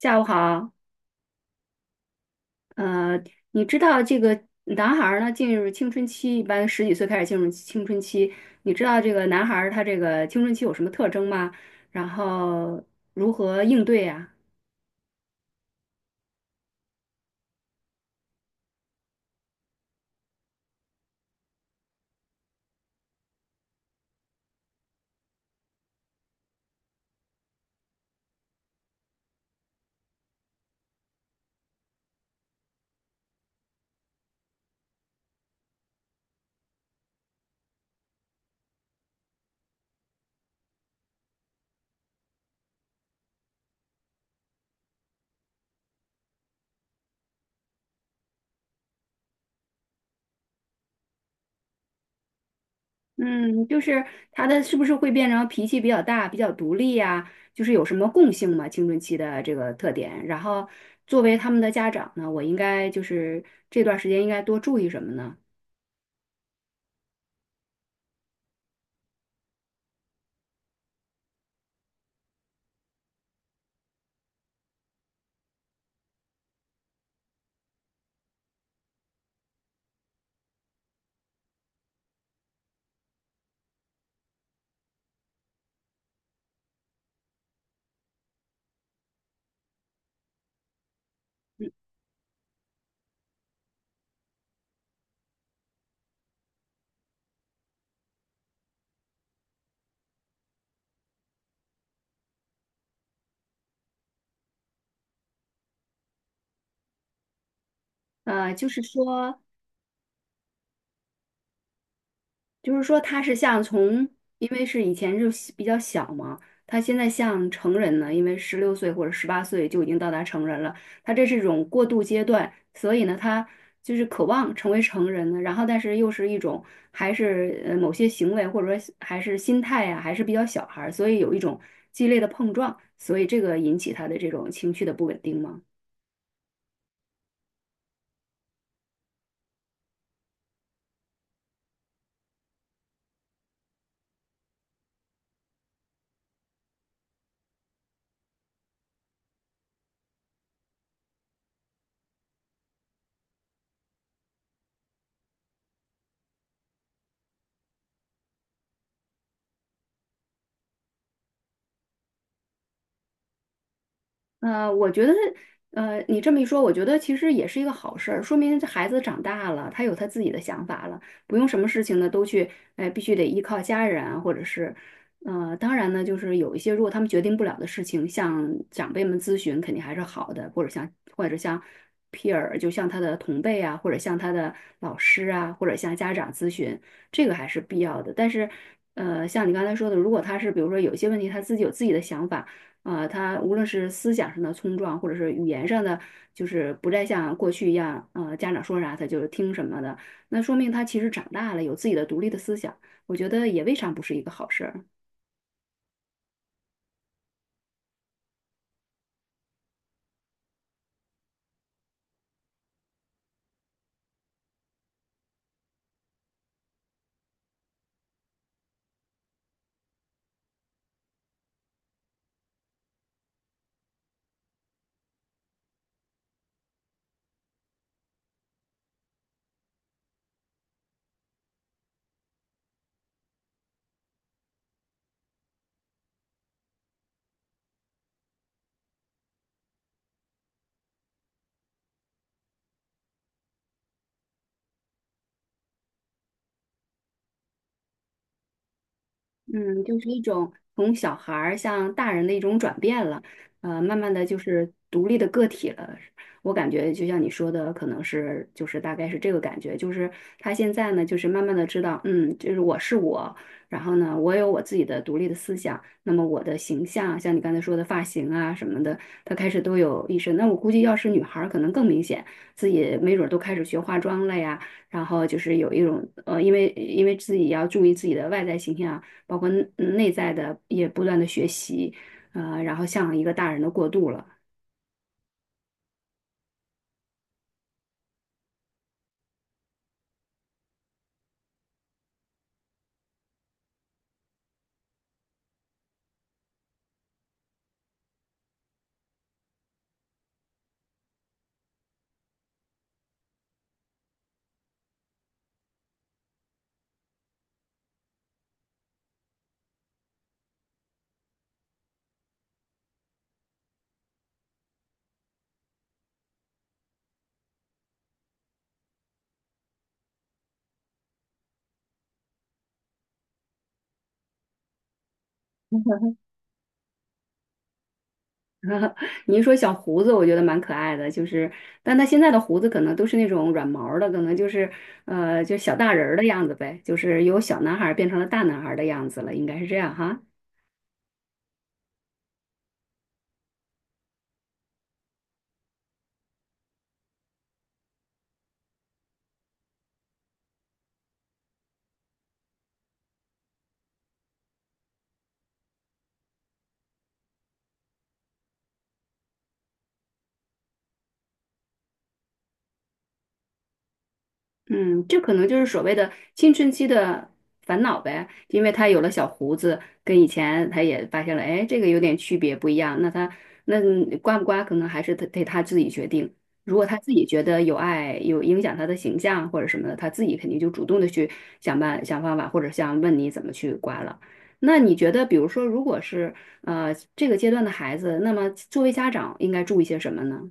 下午好，呃，你知道这个男孩儿呢进入青春期，一般十几岁开始进入青春期，你知道这个男孩儿他这个青春期有什么特征吗？然后如何应对呀？嗯，就是他的是不是会变成脾气比较大、比较独立呀？就是有什么共性吗？青春期的这个特点。然后作为他们的家长呢，我应该就是这段时间应该多注意什么呢？嗯就是说，他是像从，因为是以前就是比较小嘛，他现在像成人呢，因为16岁或者18岁就已经到达成人了，他这是一种过渡阶段，所以呢，他就是渴望成为成人呢，然后但是又是一种还是某些行为或者说还是心态呀、还是比较小孩儿，所以有一种激烈的碰撞，所以这个引起他的这种情绪的不稳定吗？我觉得，你这么一说，我觉得其实也是一个好事儿，说明这孩子长大了，他有他自己的想法了，不用什么事情呢都去，哎，必须得依靠家人啊或者是，当然呢，就是有一些如果他们决定不了的事情，向长辈们咨询肯定还是好的，或者像 peer，就像他的同辈啊，或者像他的老师啊，或者向家长咨询，这个还是必要的。但是，像你刚才说的，如果他是比如说有些问题他自己有自己的想法。啊，他无论是思想上的冲撞，或者是语言上的，就是不再像过去一样，家长说啥他就听什么的，那说明他其实长大了，有自己的独立的思想，我觉得也未尝不是一个好事儿。嗯，就是一种从小孩儿向大人的一种转变了，慢慢的就是独立的个体了。我感觉就像你说的，可能是就是大概是这个感觉，就是他现在呢，就是慢慢的知道，嗯，就是我是我，然后呢，我有我自己的独立的思想，那么我的形象，像你刚才说的发型啊什么的，他开始都有意识。那我估计要是女孩儿，可能更明显，自己没准儿都开始学化妆了呀，然后就是有一种因为自己要注意自己的外在形象。包括内在的也不断的学习，然后向一个大人的过渡了。你一说小胡子，我觉得蛮可爱的，就是，但他现在的胡子可能都是那种软毛儿的，可能就是，就小大人儿的样子呗，就是由小男孩儿变成了大男孩儿的样子了，应该是这样哈。嗯，这可能就是所谓的青春期的烦恼呗，因为他有了小胡子，跟以前他也发现了，哎，这个有点区别不一样。那他那刮不刮，可能还是得他自己决定。如果他自己觉得有碍，有影响他的形象或者什么的，他自己肯定就主动的去想方法，或者想问你怎么去刮了。那你觉得，比如说，如果是这个阶段的孩子，那么作为家长应该注意些什么呢？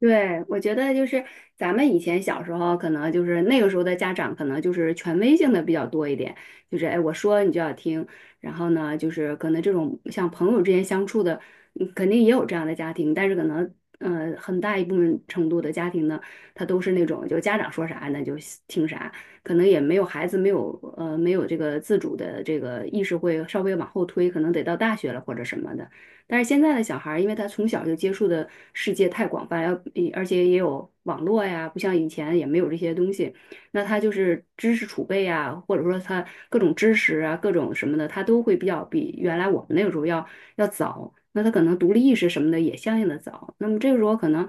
对，我觉得就是咱们以前小时候，可能就是那个时候的家长，可能就是权威性的比较多一点，就是哎，我说你就要听。然后呢，就是可能这种像朋友之间相处的，肯定也有这样的家庭，但是可能很大一部分程度的家庭呢，他都是那种就家长说啥那就听啥，可能也没有孩子没有没有这个自主的这个意识会稍微往后推，可能得到大学了或者什么的。但是现在的小孩儿，因为他从小就接触的世界太广泛，而且也有网络呀，不像以前也没有这些东西，那他就是知识储备呀，或者说他各种知识啊，各种什么的，他都会比较比原来我们那个时候要早。那他可能独立意识什么的也相应的早。那么这个时候可能，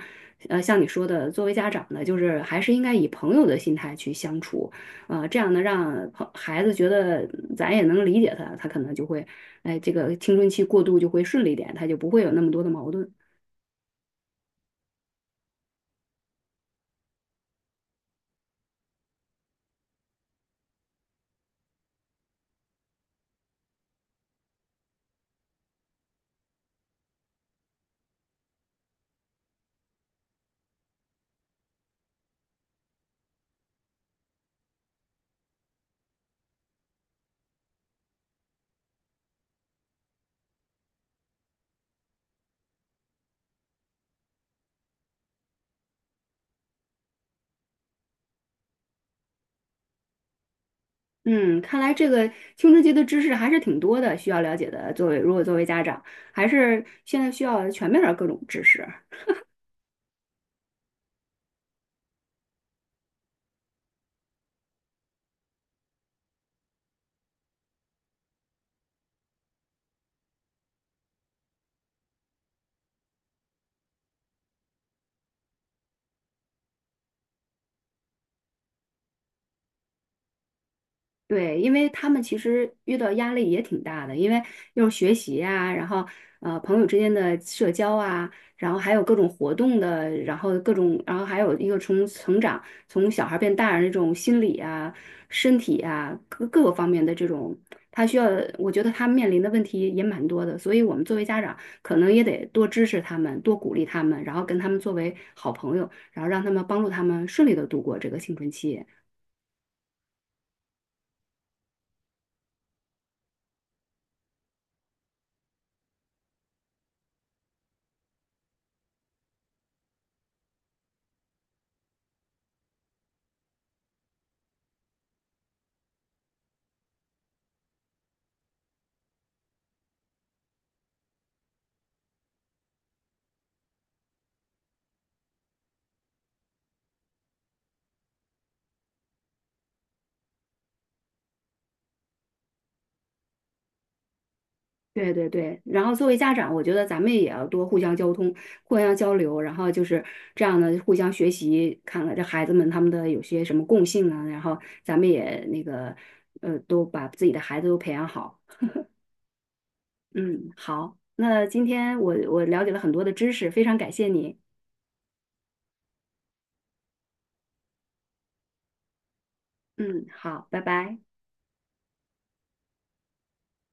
像你说的，作为家长呢，就是还是应该以朋友的心态去相处，这样呢，让孩子觉得咱也能理解他，他可能就会哎，这个青春期过渡就会顺利点，他就不会有那么多的矛盾。嗯，看来这个青春期的知识还是挺多的，需要了解的。作为如果作为家长，还是现在需要全面的各种知识。对，因为他们其实遇到压力也挺大的，因为又是学习啊，然后朋友之间的社交啊，然后还有各种活动的，然后各种，然后还有一个从成长，从小孩变大人这种心理啊、身体啊各个方面的这种，他需要，我觉得他面临的问题也蛮多的，所以我们作为家长可能也得多支持他们，多鼓励他们，然后跟他们作为好朋友，然后让他们帮助他们顺利的度过这个青春期。对对对，然后作为家长，我觉得咱们也要多互相交通、互相交流，然后就是这样的互相学习，看看这孩子们他们的有些什么共性啊，然后咱们也都把自己的孩子都培养好。嗯，好，那今天我了解了很多的知识，非常感谢你。嗯，好，拜拜。